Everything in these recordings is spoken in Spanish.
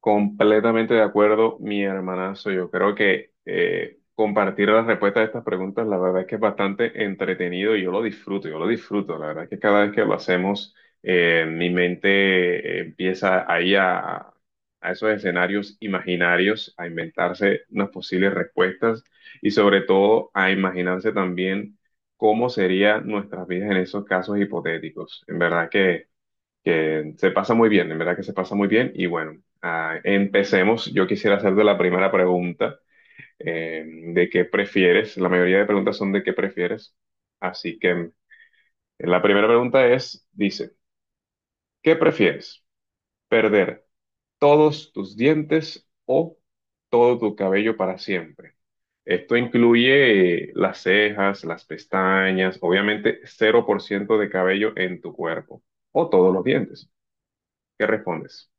Completamente de acuerdo, mi hermanazo. Yo creo que compartir las respuestas a estas preguntas, la verdad es que es bastante entretenido y yo lo disfruto, yo lo disfruto. La verdad es que cada vez que lo hacemos, mi mente empieza ahí a esos escenarios imaginarios, a inventarse unas posibles respuestas y sobre todo a imaginarse también cómo serían nuestras vidas en esos casos hipotéticos. En verdad que se pasa muy bien, en verdad que se pasa muy bien. Y bueno, empecemos. Yo quisiera hacerte la primera pregunta de qué prefieres. La mayoría de preguntas son de qué prefieres. Así que la primera pregunta es, dice, ¿qué prefieres? ¿Perder todos tus dientes o todo tu cabello para siempre? Esto incluye las cejas, las pestañas, obviamente cero por ciento de cabello en tu cuerpo o todos los dientes. ¿Qué respondes?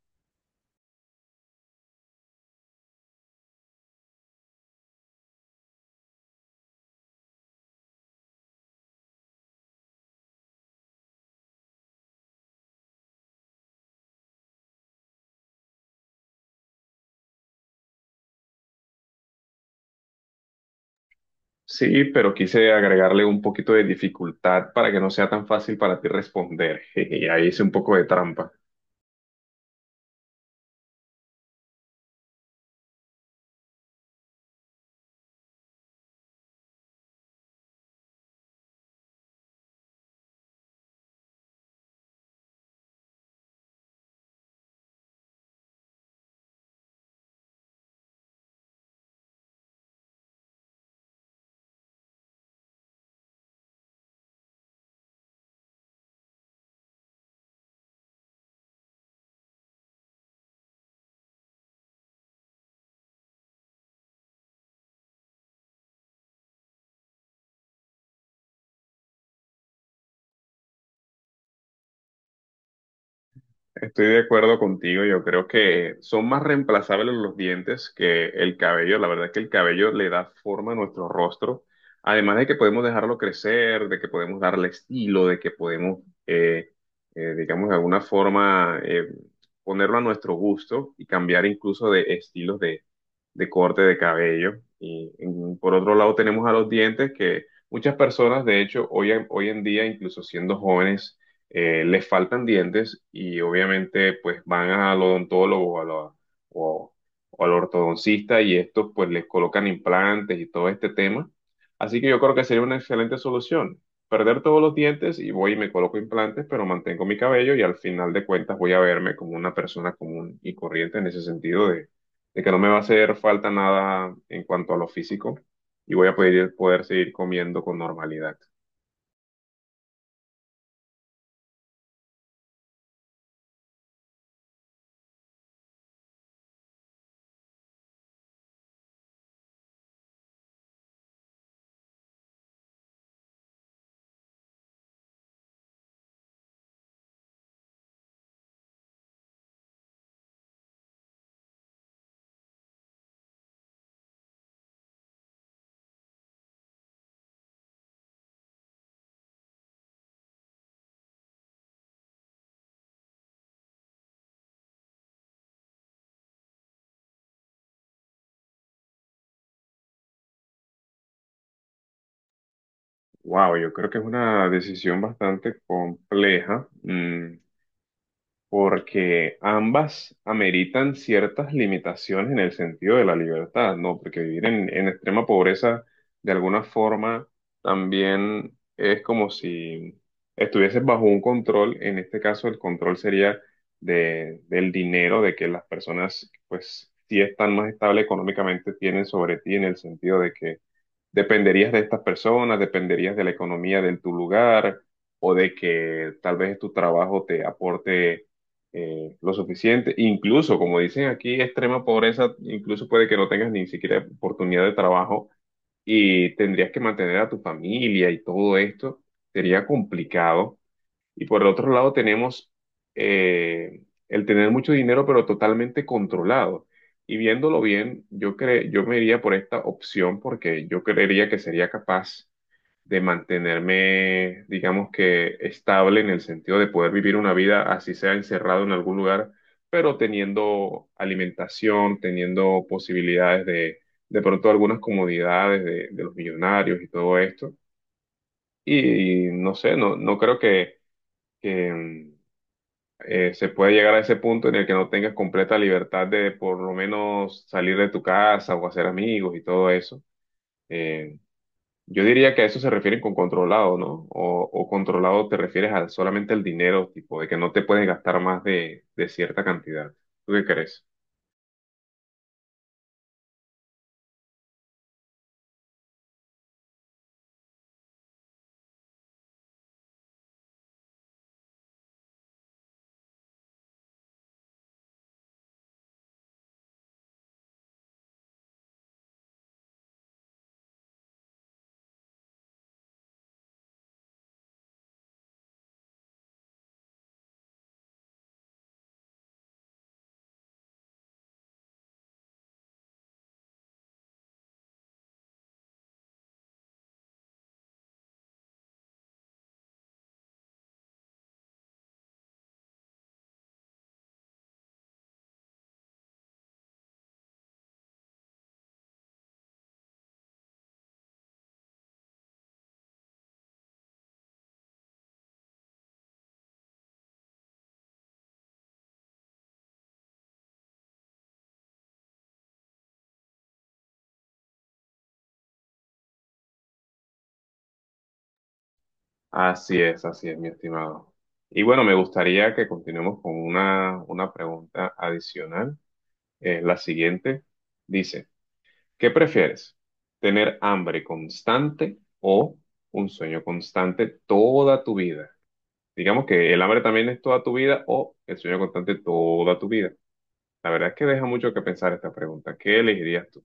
Sí, pero quise agregarle un poquito de dificultad para que no sea tan fácil para ti responder. Y ahí hice un poco de trampa. Estoy de acuerdo contigo, yo creo que son más reemplazables los dientes que el cabello. La verdad es que el cabello le da forma a nuestro rostro. Además de que podemos dejarlo crecer, de que podemos darle estilo, de que eh, digamos, de alguna forma ponerlo a nuestro gusto y cambiar incluso de estilos de corte de cabello. Por otro lado tenemos a los dientes que muchas personas, de hecho, hoy en día, incluso siendo jóvenes, les faltan dientes y obviamente pues van al odontólogo o, a la- o- o al ortodoncista y estos pues les colocan implantes y todo este tema. Así que yo creo que sería una excelente solución. Perder todos los dientes y voy y me coloco implantes, pero mantengo mi cabello y al final de cuentas voy a verme como una persona común y corriente en ese sentido de que no me va a hacer falta nada en cuanto a lo físico y voy a poder seguir comiendo con normalidad. Wow, yo creo que es una decisión bastante compleja. Mm, porque ambas ameritan ciertas limitaciones en el sentido de la libertad, ¿no? Porque vivir en extrema pobreza, de alguna forma, también es como si estuvieses bajo un control, en este caso el control sería del dinero, de que las personas, pues, si están más estables económicamente, tienen sobre ti en el sentido de que dependerías de estas personas, dependerías de la economía de tu lugar o de que tal vez tu trabajo te aporte lo suficiente. Incluso, como dicen aquí, extrema pobreza, incluso puede que no tengas ni siquiera oportunidad de trabajo y tendrías que mantener a tu familia y todo esto. Sería complicado. Y por el otro lado tenemos eh, el tener mucho dinero, pero totalmente controlado. Y viéndolo bien, yo me iría por esta opción porque yo creería que sería capaz de mantenerme, digamos que estable en el sentido de poder vivir una vida así sea encerrado en algún lugar, pero teniendo alimentación, teniendo posibilidades de pronto algunas comodidades de los millonarios y todo esto. Y no sé, no creo que se puede llegar a ese punto en el que no tengas completa libertad de por lo menos salir de tu casa o hacer amigos y todo eso. Eh, yo diría que a eso se refieren con controlado, ¿no? O controlado te refieres a solamente al dinero, tipo, de que no te puedes gastar más de cierta cantidad. ¿Tú qué crees? Así es, mi estimado. Y bueno, me gustaría que continuemos con una pregunta adicional. La siguiente dice. ¿Qué prefieres? ¿Tener hambre constante o un sueño constante toda tu vida? Digamos que el hambre también es toda tu vida o el sueño constante toda tu vida. La verdad es que deja mucho que pensar esta pregunta. ¿Qué elegirías tú?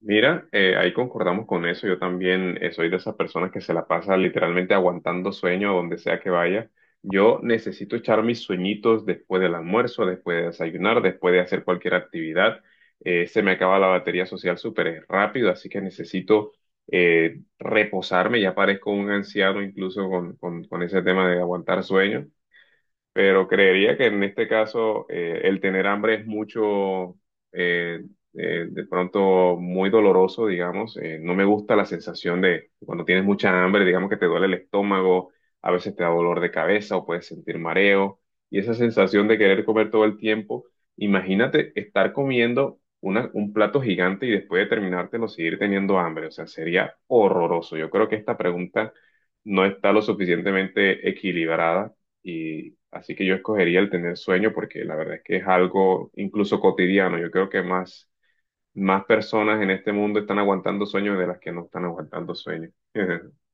Mira, ahí concordamos con eso. Yo también soy de esas personas que se la pasa literalmente aguantando sueño donde sea que vaya. Yo necesito echar mis sueñitos después del almuerzo, después de desayunar, después de hacer cualquier actividad. Se me acaba la batería social súper rápido, así que necesito reposarme. Ya parezco un anciano incluso con ese tema de aguantar sueño, pero creería que en este caso el tener hambre es eh, de pronto muy doloroso, digamos. No me gusta la sensación de cuando tienes mucha hambre, digamos que te duele el estómago, a veces te da dolor de cabeza o puedes sentir mareo. Y esa sensación de querer comer todo el tiempo, imagínate estar comiendo un plato gigante y después de terminártelo seguir teniendo hambre. O sea, sería horroroso. Yo creo que esta pregunta no está lo suficientemente equilibrada y así que yo escogería el tener sueño porque la verdad es que es algo incluso cotidiano. Yo creo que más, más personas en este mundo están aguantando sueños de las que no están aguantando sueños.